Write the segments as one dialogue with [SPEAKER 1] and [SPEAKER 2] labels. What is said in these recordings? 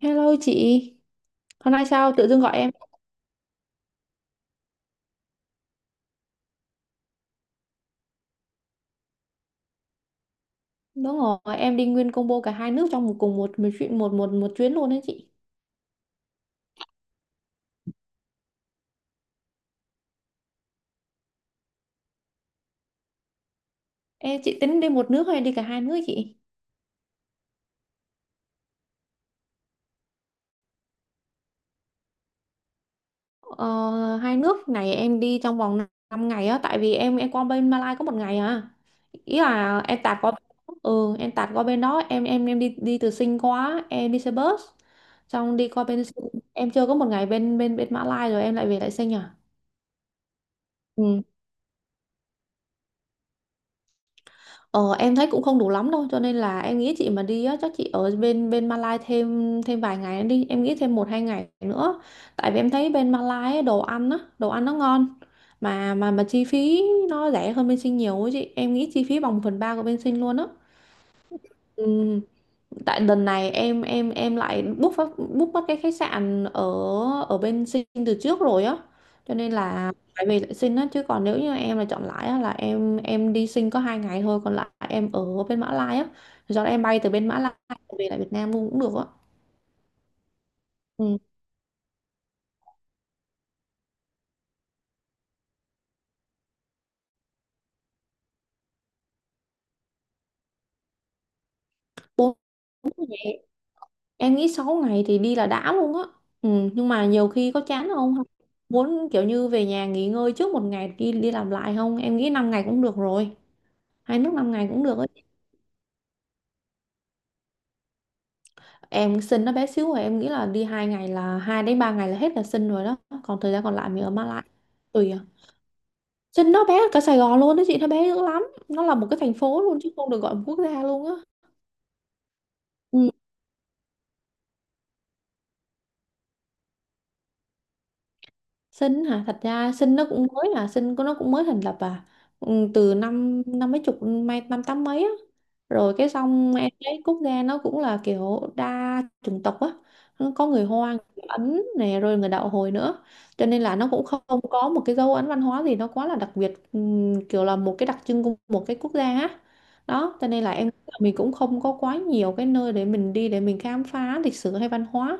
[SPEAKER 1] Hello chị, hôm nay sao tự dưng gọi em? Đúng rồi, em đi nguyên combo cả hai nước trong một cùng một một chuyện một một một chuyến luôn đấy chị. Chị tính đi một nước hay đi cả hai nước chị? Ờ, Hai nước này em đi trong vòng 5 ngày á, tại vì em qua bên Malai có một ngày à. Ý là em tạt qua, em tạt qua bên đó, em đi đi từ Sing qua, em đi xe bus, xong đi qua bên Sing. Em chưa có một ngày bên bên bên Malai rồi em lại về lại Sing à. Ừ. Ờ, em thấy cũng không đủ lắm đâu cho nên là em nghĩ chị mà đi á chắc chị ở bên bên Malai thêm thêm vài ngày đi, em nghĩ thêm một hai ngày nữa, tại vì em thấy bên Malai á, đồ ăn á, đồ ăn nó ngon, mà chi phí nó rẻ hơn bên Sinh nhiều ấy chị, em nghĩ chi phí bằng một phần ba của bên Sinh luôn á. Ừ, tại lần này em lại book mất cái khách sạn ở ở bên Sinh từ trước rồi á, cho nên là phải về lại Sinh á. Chứ còn nếu như em là chọn lại á là em đi Sinh có hai ngày thôi, còn lại em ở bên Mã Lai á, do đó em bay từ bên Mã Lai về lại Việt Nam luôn cũng được á. Ừ. Bốn ngày, em nghĩ 6 ngày thì đi là đã luôn á. Ừ, nhưng mà nhiều khi có chán không, muốn kiểu như về nhà nghỉ ngơi trước một ngày đi đi làm lại không, em nghĩ 5 ngày cũng được rồi, hai nước 5 ngày cũng được á. Em Sinh nó bé xíu, rồi em nghĩ là đi hai ngày, là hai đến ba ngày là hết là Sinh rồi đó, còn thời gian còn lại mình ở Mã Lai. Tùy à, Sinh nó bé hơn cả Sài Gòn luôn đó chị, nó bé dữ lắm, nó là một cái thành phố luôn chứ không được gọi là một quốc gia luôn á. Ừ, Sinh hả? Thật ra Sinh nó cũng mới, là Sinh của nó cũng mới thành lập à. Ừ, từ năm năm mấy chục mấy năm tám mấy á. Rồi cái xong em thấy quốc gia nó cũng là kiểu đa chủng tộc á. Nó có người Hoa, người Ấn nè, rồi người đạo Hồi nữa. Cho nên là nó cũng không có một cái dấu ấn văn hóa gì nó quá là đặc biệt, kiểu là một cái đặc trưng của một cái quốc gia á. Đó, cho nên là em nghĩ là mình cũng không có quá nhiều cái nơi để mình đi, để mình khám phá lịch sử hay văn hóa,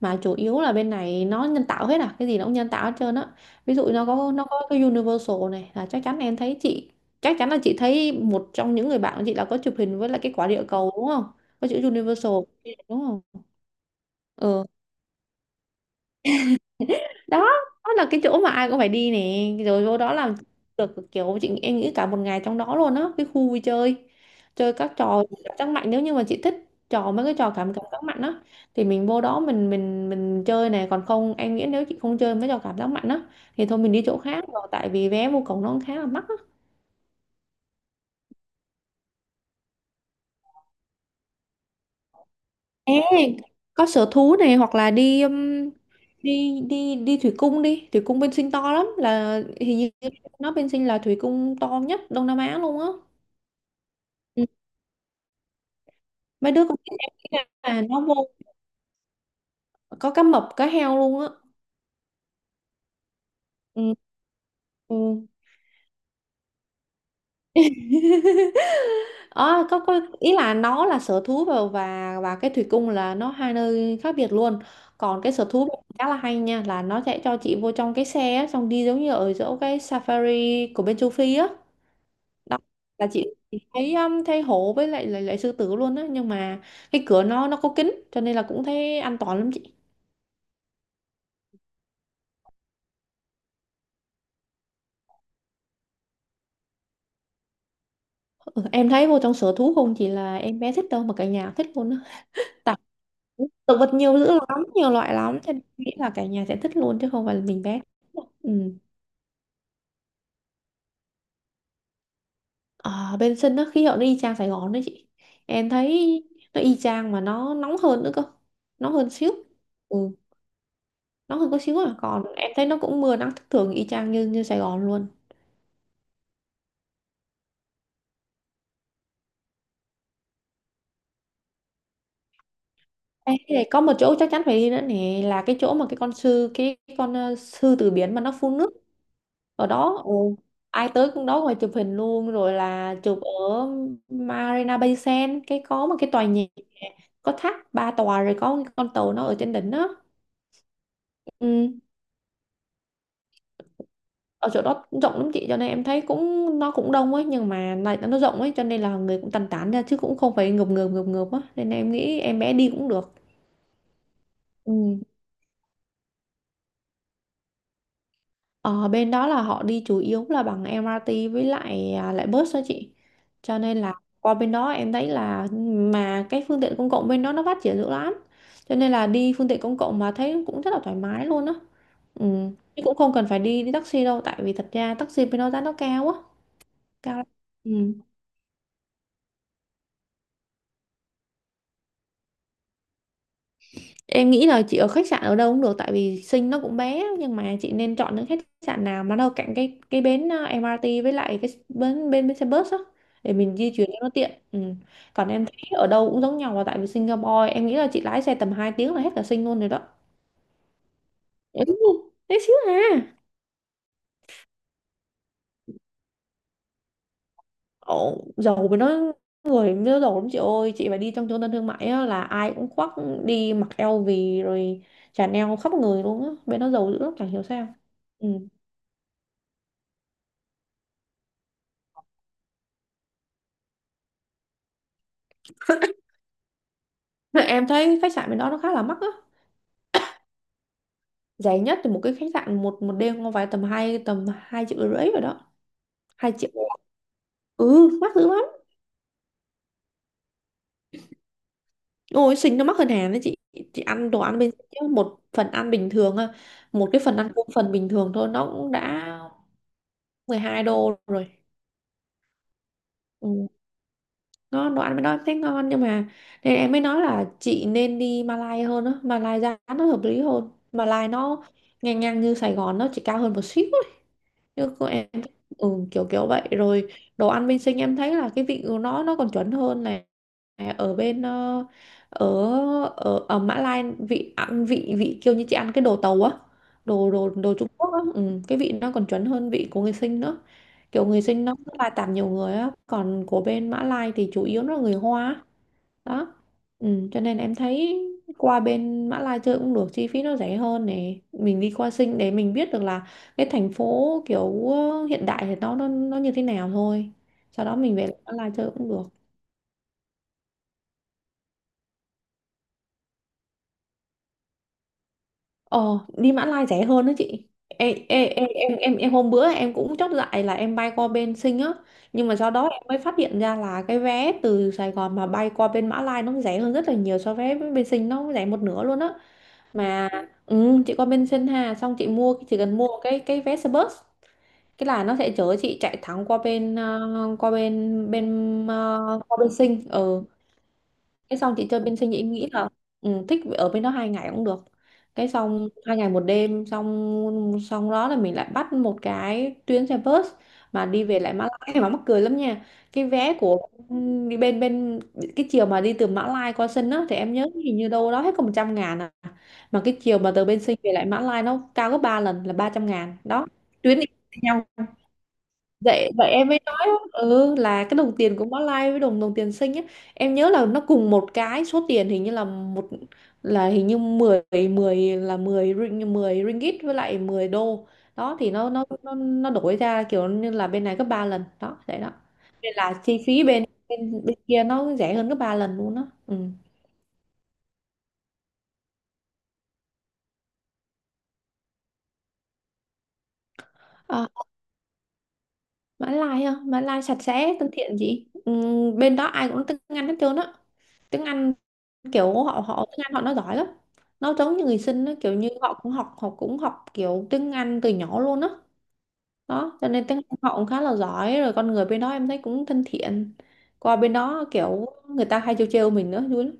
[SPEAKER 1] mà chủ yếu là bên này nó nhân tạo hết à, cái gì nó cũng nhân tạo hết trơn á. Ví dụ nó có cái Universal này, là chắc chắn em thấy chị, chắc chắn là chị thấy một trong những người bạn của chị là có chụp hình với lại cái quả địa cầu đúng không, có chữ Universal đúng không. Ừ, đó, đó là cái chỗ mà ai cũng phải đi nè, rồi vô đó làm được kiểu chị, em nghĩ cả một ngày trong đó luôn á, cái khu vui chơi chơi các trò cảm giác mạnh, nếu như mà chị thích trò, mấy cái trò cảm cảm giác mạnh á, thì mình vô đó mình chơi này. Còn không, em nghĩ nếu chị không chơi mấy trò cảm giác mạnh á thì thôi mình đi chỗ khác, rồi tại vì vé vô cổng nó khá là mắc á. Ê, có sở thú này, hoặc là đi đi thủy cung, đi thủy cung bên Sinh to lắm, là hình như bên Sinh là thủy cung to nhất Đông Nam Á luôn á. Mấy đứa con nít em nghĩ là nó vô có cá mập, cá heo luôn á. Ừ. Ừ. Ờ, có ý là nó là sở thú và và cái thủy cung là nó hai nơi khác biệt luôn. Còn cái sở thú khá là hay nha, là nó sẽ cho chị vô trong cái xe á, xong đi giống như ở chỗ cái safari của bên châu Phi á. Đó, là chị thấy, thấy hổ với lại, lại sư tử luôn á, nhưng mà cái cửa nó có kính cho nên là cũng thấy an toàn lắm chị. Ừ, em thấy vô trong sở thú không chỉ là em bé thích đâu mà cả nhà thích luôn á. Tại động vật nhiều dữ lắm, nhiều loại lắm, cho nên nghĩ là cả nhà sẽ thích luôn chứ không phải là mình bé. Ừ. Ở bên sân đó khí hậu nó y chang Sài Gòn đấy chị. Em thấy nó y chang mà nó nóng hơn nữa cơ. Nóng hơn xíu. Ừ, nóng hơn có xíu à. Còn em thấy nó cũng mưa nắng thất thường y chang như như Sài Gòn luôn. Ê, cái này có một chỗ chắc chắn phải đi nữa nè, là cái chỗ mà cái con sư cái, con sư tử biển mà nó phun nước ở đó. Ừ, ai tới cũng đó ngoài chụp hình luôn, rồi là chụp ở Marina Bay Sands, cái có một cái tòa nhà có tháp ba tòa rồi có cái con tàu nó ở trên đỉnh đó. Ừ. Ở chỗ đó cũng rộng lắm chị, cho nên em thấy cũng nó cũng đông ấy, nhưng mà lại nó rộng ấy cho nên là người cũng tàn tán ra chứ cũng không phải ngập ngợp á, nên em nghĩ em bé đi cũng được. Ừ. Ờ, bên đó là họ đi chủ yếu là bằng MRT với lại, lại bus đó chị. Cho nên là qua bên đó em thấy là mà cái phương tiện công cộng bên đó nó phát triển dữ lắm. Cho nên là đi phương tiện công cộng mà thấy cũng rất là thoải mái luôn á. Ừ. Chứ cũng không cần phải đi đi taxi đâu, tại vì thật ra taxi bên đó giá nó cao á, cao lắm. Ừ. Em nghĩ là chị ở khách sạn ở đâu cũng được, tại vì Sing nó cũng bé, nhưng mà chị nên chọn những khách sạn nào mà nó ở cạnh cái bến MRT với lại cái bến bến xe bus á, để mình di chuyển cho nó tiện. Ừ. Còn em thấy ở đâu cũng giống nhau, và tại vì Singapore em nghĩ là chị lái xe tầm 2 tiếng là hết cả Sing luôn rồi đó. Ừ, tí xíu à. Ồ, giàu với nó, người nó giàu lắm chị ơi, chị phải đi trong trung tâm thương mại á, là ai cũng khoác đi mặc eo LV rồi Chanel khắp người luôn á, bên nó giàu dữ lắm chẳng hiểu sao. Ừ. Thế em thấy khách sạn bên đó nó khá là mắc á. Rẻ nhất thì một cái khách sạn một một đêm không phải tầm hai, tầm 2,5 triệu rồi đó. 2 triệu. Ừ, mắc dữ lắm. Ôi, Sình nó mắc hơn Hàn đấy chị. Chị ăn đồ ăn bên Sình chứ, một phần ăn bình thường á, một cái phần ăn cơm phần bình thường thôi nó cũng đã 12 đô rồi. Ừ. Nó đồ ăn bên đó em thấy ngon, nhưng mà nên em mới nói là chị nên đi Malai hơn á, Malai giá nó hợp lý hơn. Malai nó ngang ngang như Sài Gòn, nó chỉ cao hơn một xíu. Chứ cô em, ừ, kiểu kiểu vậy rồi. Đồ ăn bên sinh em thấy là cái vị của nó còn chuẩn hơn này. À, ở bên ở ở Mã Lai vị ăn vị vị kiểu như chị ăn cái đồ tàu á, đồ đồ đồ Trung Quốc á, ừ, cái vị nó còn chuẩn hơn vị của người sinh nữa. Kiểu người sinh nó rất là tạp nhiều người á, còn của bên Mã Lai thì chủ yếu nó là người Hoa á. Đó, ừ, cho nên em thấy qua bên Mã Lai chơi cũng được, chi phí nó rẻ hơn này. Mình đi qua Sing để mình biết được là cái thành phố kiểu hiện đại thì nó nó như thế nào thôi, sau đó mình về lại Mã Lai chơi cũng được. Ờ, đi Mã Lai rẻ hơn đó chị. Ê, ê, ê, Em hôm bữa em cũng chót dại là em bay qua bên Sing á, nhưng mà sau đó em mới phát hiện ra là cái vé từ Sài Gòn mà bay qua bên Mã Lai nó rẻ hơn rất là nhiều, so với bên Sing nó rẻ một nửa luôn á mà. Ừ, chị qua bên Sơn Hà xong chị mua, chỉ cần mua cái vé xe bus cái là nó sẽ chở chị chạy thẳng qua bên qua bên bên qua bên Sinh, ừ. Cái xong chị chơi bên sinh em nghĩ là, ừ, thích ở bên đó 2 ngày cũng được. Cái xong 2 ngày 1 đêm xong xong đó là mình lại bắt một cái tuyến xe bus mà đi về lại Mã Lai mà mắc cười lắm nha. Cái vé của, ừ, đi bên bên cái chiều mà đi từ Mã Lai qua Sân á thì em nhớ hình như đâu đó hết có 100.000 à, mà cái chiều mà từ bên Sinh về lại Mã Lai nó cao gấp 3 lần là 300.000 đó. Tuyến đi nhau. Vậy vậy em mới nói, ừ, là cái đồng tiền của Mã Lai với đồng đồng tiền xinh á, em nhớ là nó cùng một cái số tiền hình như là một, là hình như mười, 10 là 10 ring 10 ringgit với lại 10 đô đó. Thì nó nó đổi ra kiểu như là bên này gấp 3 lần đó vậy đó, nên là chi phí bên bên bên kia nó rẻ hơn gấp 3 lần luôn đó, ừ. À, Mã Lai á, Mã Lai sạch sẽ thân thiện chị, ừ, bên đó ai cũng nói tiếng Anh hết trơn á. Tiếng Anh kiểu họ họ tiếng Anh họ nó giỏi lắm, nó giống như người sinh đó, kiểu như họ cũng học kiểu tiếng Anh từ nhỏ luôn á đó. Cho nên tiếng Anh họ cũng khá là giỏi rồi, con người bên đó em thấy cũng thân thiện, qua bên đó kiểu người ta hay trêu trêu mình nữa vui lắm.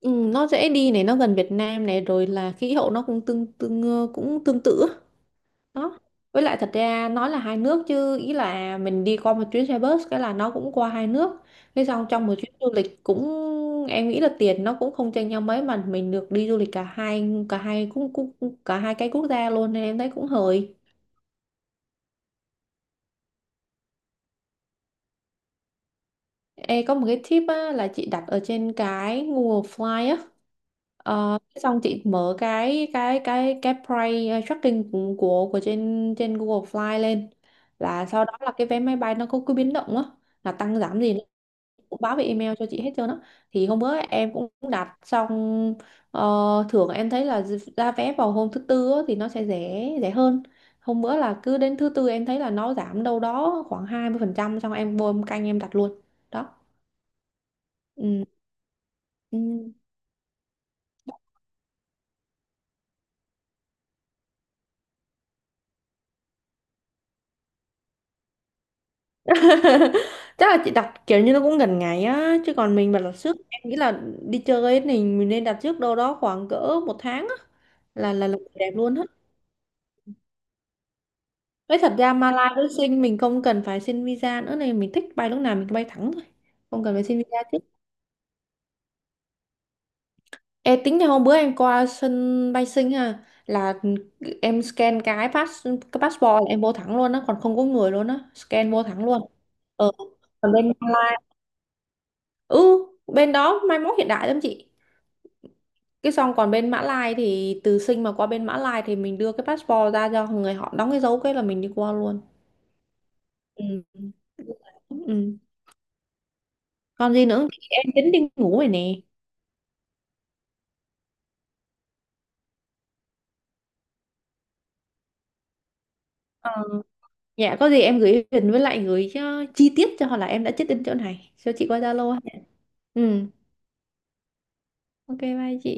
[SPEAKER 1] Ừ, nó dễ đi này, nó gần Việt Nam này, rồi là khí hậu nó cũng tương tương cũng tương tự á. Đó, với lại thật ra nói là hai nước chứ ý là mình đi qua một chuyến xe bus cái là nó cũng qua hai nước, thế xong trong một chuyến du lịch cũng, em nghĩ là tiền nó cũng không chênh nhau mấy mà mình được đi du lịch cả hai cái quốc gia luôn, nên em thấy cũng hời. Ê, có một cái tip á, là chị đặt ở trên cái Google Fly á. Ờ, xong chị mở cái price tracking của trên trên Google Fly lên, là sau đó là cái vé máy bay nó có cứ biến động á, là tăng giảm gì cũng báo về email cho chị hết trơn á. Thì hôm bữa em cũng đặt xong, ờ, thường em thấy là ra vé vào hôm thứ tư á, thì nó sẽ rẻ rẻ hơn. Hôm bữa là cứ đến thứ tư em thấy là nó giảm đâu đó khoảng 20% xong em vô em canh em đặt luôn đó, ừ. Ừ. Chắc là chị đặt kiểu như nó cũng gần ngày á, chứ còn mình mà đặt trước em nghĩ là đi chơi ấy thì mình nên đặt trước đâu đó khoảng cỡ 1 tháng á là đẹp luôn á. Nói thật ra Malaysia với Sing mình không cần phải xin visa nữa này, mình thích bay lúc nào mình cứ bay thẳng thôi, không cần phải xin visa chứ. Ê, tính là hôm bữa em qua sân bay Sing ha, là em scan cái pass cái passport là em vô thẳng luôn á, còn không có người luôn á, scan vô thẳng luôn. Ờ, còn bên Malaysia, ừ, bên đó mai mốt hiện đại lắm chị. Cái xong còn bên Mã Lai thì từ Sing mà qua bên Mã Lai thì mình đưa cái passport ra cho người họ đóng cái dấu cái là mình đi qua luôn, ừ. Ừ. Còn gì nữa. Thì em tính đi ngủ rồi nè. Ờ, dạ có gì em gửi hình với lại gửi, ờ, chi tiết cho họ là em đã check in chỗ này cho chị qua Zalo ha. Ừ, ok bye chị.